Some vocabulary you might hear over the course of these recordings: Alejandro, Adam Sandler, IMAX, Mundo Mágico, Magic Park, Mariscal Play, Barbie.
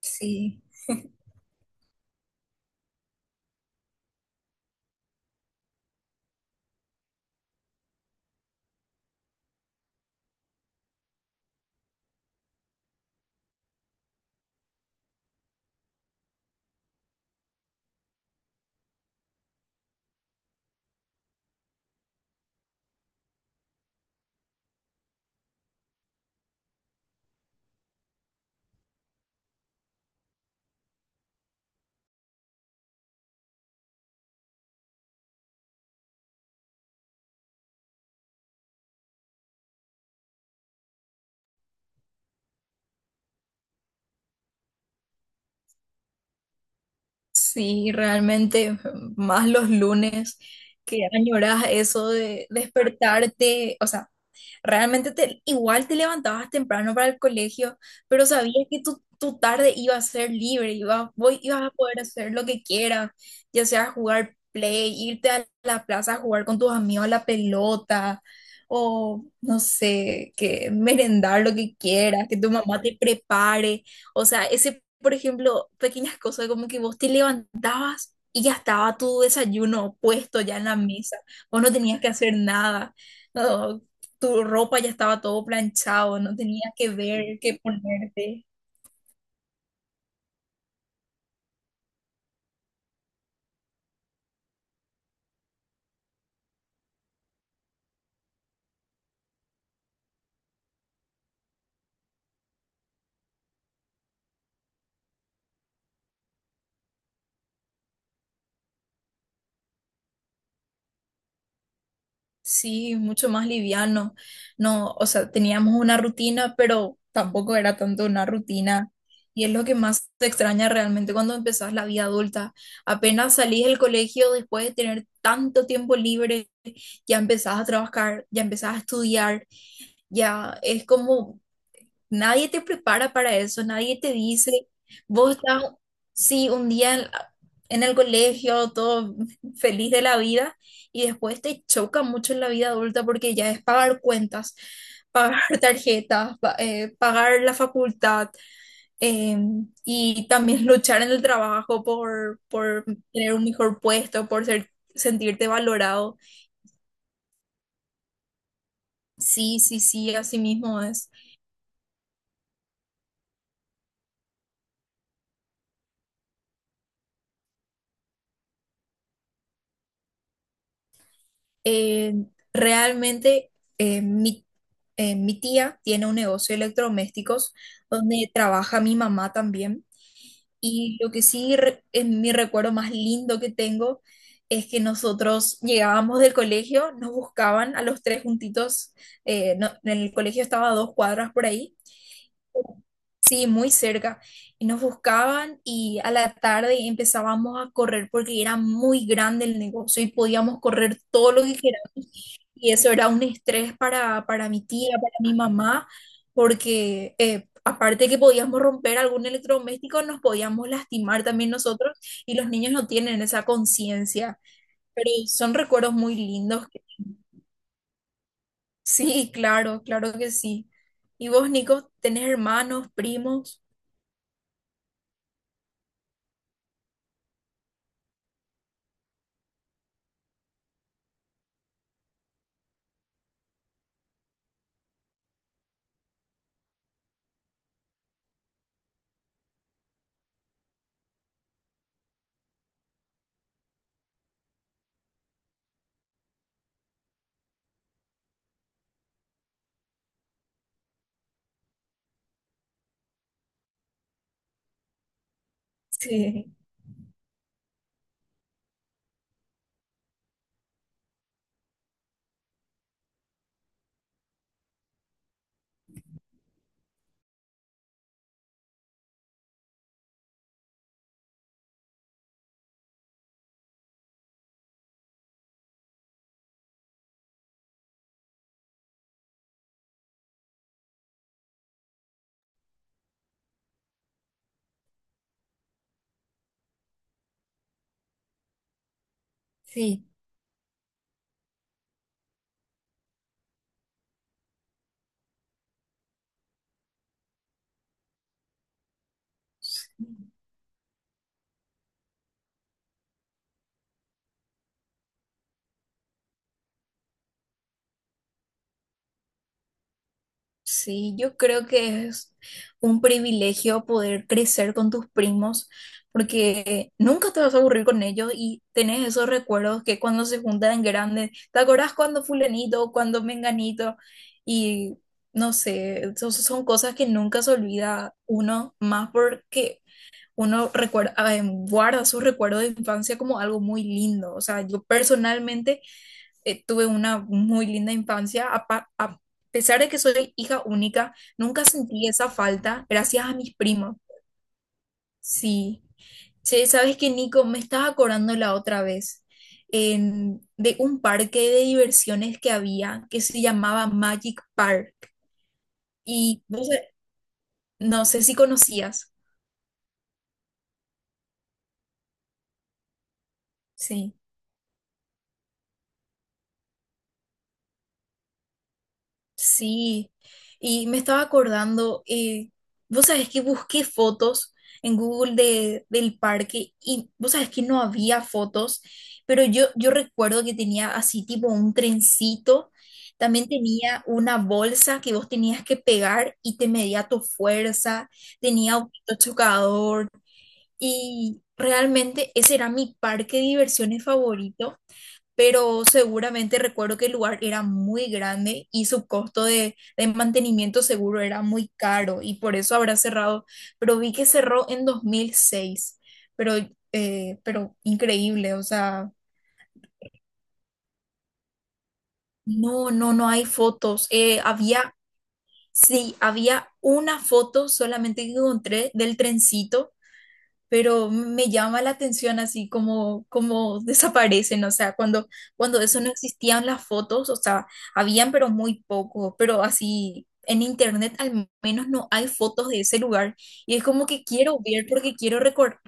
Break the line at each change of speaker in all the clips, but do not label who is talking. Sí, sí, realmente más los lunes que añoras eso de despertarte, o sea, igual te levantabas temprano para el colegio, pero sabías que tu tarde iba a ser libre, ibas a poder hacer lo que quieras, ya sea jugar play, irte a la plaza a jugar con tus amigos a la pelota, o no sé, que merendar lo que quieras, que tu mamá te prepare. O sea, ese, por ejemplo, pequeñas cosas como que vos te levantabas y ya estaba tu desayuno puesto ya en la mesa, vos no tenías que hacer nada. No, tu ropa ya estaba todo planchado, no tenía que ver qué ponerte. Sí, mucho más liviano. No, o sea, teníamos una rutina, pero tampoco era tanto una rutina. Y es lo que más te extraña realmente cuando empezás la vida adulta. Apenas salís del colegio después de tener tanto tiempo libre, ya empezás a trabajar, ya empezás a estudiar, ya es como... Nadie te prepara para eso, nadie te dice, vos estás, sí, un día en el colegio, todo feliz de la vida, y después te choca mucho en la vida adulta porque ya es pagar cuentas, pagar tarjetas, pagar la facultad, eh, y también luchar en el trabajo por tener un mejor puesto, por ser, sentirte valorado. Sí, sí, sí, así mismo es. Eh, realmente eh, mi, mi tía tiene un negocio de electrodomésticos donde trabaja mi mamá también. Y lo que es mi recuerdo más lindo que tengo es que nosotros llegábamos del colegio, nos buscaban a los tres juntitos, en el colegio estaba a 2 cuadras por ahí. Sí, muy cerca. Y nos buscaban y a la tarde empezábamos a correr porque era muy grande el negocio y podíamos correr todo lo que queramos. Y eso era un estrés para mi tía, para mi mamá, porque aparte que podíamos romper algún electrodoméstico, nos podíamos lastimar también nosotros y los niños no tienen esa conciencia. Pero son recuerdos muy lindos. Sí, claro, claro que sí. ¿Y vos, Nico, tenés hermanos, primos? Sí. Sí, sí, yo creo que es un privilegio poder crecer con tus primos porque nunca te vas a aburrir con ellos y tenés esos recuerdos que cuando se juntan grandes, ¿te acordás cuando fulanito, cuando menganito? Y no sé, son cosas que nunca se olvida uno, más porque uno recuerda, guarda sus recuerdos de infancia como algo muy lindo. O sea, yo personalmente tuve una muy linda infancia. A pesar de que soy hija única, nunca sentí esa falta gracias a mis primos. Sí. Che, ¿sabes que Nico? Me estaba acordando la otra vez de un parque de diversiones que había que se llamaba Magic Park. Y no sé, no sé si conocías. Sí. Sí, y me estaba acordando, vos sabés que busqué fotos en Google de, del parque y vos sabés que no había fotos, pero yo recuerdo que tenía así tipo un trencito, también tenía una bolsa que vos tenías que pegar y te medía tu fuerza, tenía autito chocador y realmente ese era mi parque de diversiones favorito. Pero seguramente recuerdo que el lugar era muy grande y su costo de mantenimiento seguro era muy caro y por eso habrá cerrado, pero vi que cerró en 2006, pero, pero increíble, o sea, no, no, no hay fotos. Había, sí, había una foto solamente que encontré del trencito, pero me llama la atención así como, como desaparecen, o sea, cuando eso no existían las fotos, o sea, habían pero muy poco, pero así en internet al menos no hay fotos de ese lugar y es como que quiero ver porque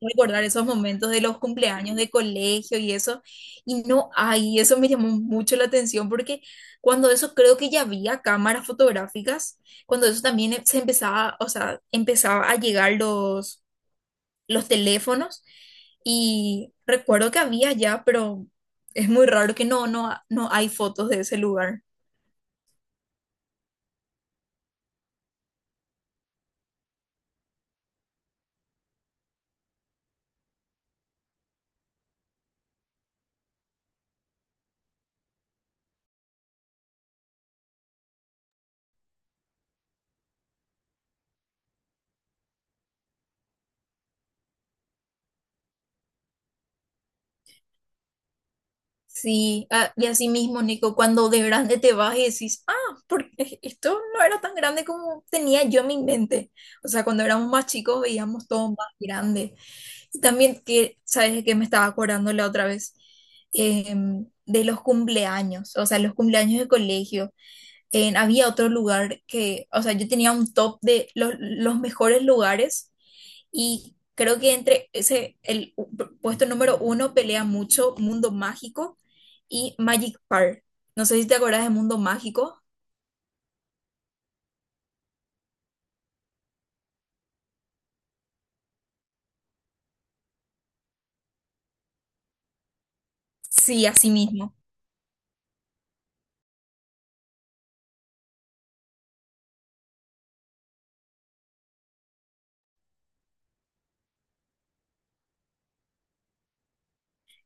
recordar esos momentos de los cumpleaños de colegio y eso, y no hay, y eso me llamó mucho la atención porque cuando eso creo que ya había cámaras fotográficas, cuando eso también se empezaba, o sea, empezaba a llegar los teléfonos y recuerdo que había ya, pero es muy raro que no, no, no hay fotos de ese lugar. Sí, ah, y así mismo, Nico, cuando de grande te vas y decís, ah, porque esto no era tan grande como tenía yo en mi mente. O sea, cuando éramos más chicos veíamos todo más grande. Y también que, ¿sabes que me estaba acordando la otra vez? De los cumpleaños, o sea, los cumpleaños de colegio. Había otro lugar que, o sea, yo tenía un top de los mejores lugares y creo que entre ese, puesto número 1 pelea mucho Mundo Mágico y Magic Park. No sé si te acordás de Mundo Mágico. Sí, así mismo.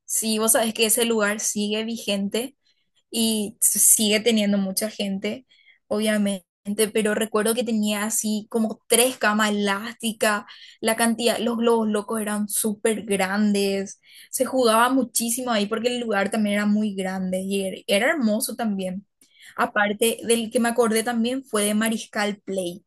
Sí, vos sabés que ese lugar sigue vigente y sigue teniendo mucha gente, obviamente, pero recuerdo que tenía así como 3 camas elásticas, la cantidad, los globos locos eran súper grandes, se jugaba muchísimo ahí porque el lugar también era muy grande y era, era hermoso también. Aparte, del que me acordé también fue de Mariscal Play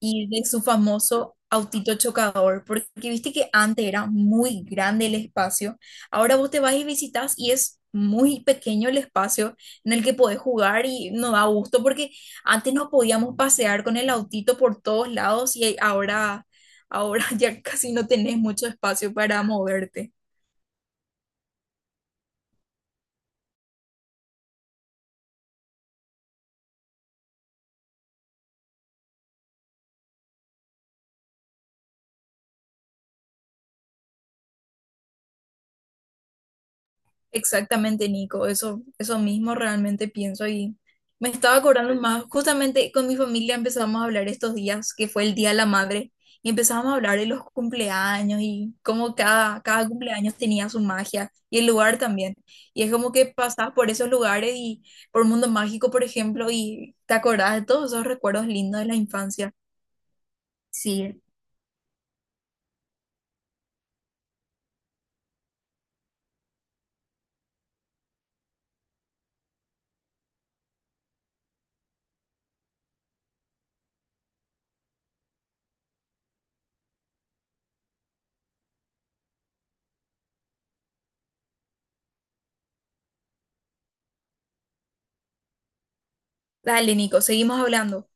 y de su famoso autito chocador, porque viste que antes era muy grande el espacio, ahora vos te vas y visitas y es muy pequeño el espacio en el que podés jugar y nos da gusto porque antes nos podíamos pasear con el autito por todos lados y ahora ya casi no tenés mucho espacio para moverte. Exactamente, Nico, eso mismo realmente pienso. Y me estaba acordando más, justamente con mi familia empezamos a hablar estos días, que fue el Día de la Madre, y empezamos a hablar de los cumpleaños y cómo cada cumpleaños tenía su magia y el lugar también. Y es como que pasás por esos lugares y por Mundo Mágico, por ejemplo, y te acordás de todos esos recuerdos lindos de la infancia. Sí, dale, Nico, seguimos hablando.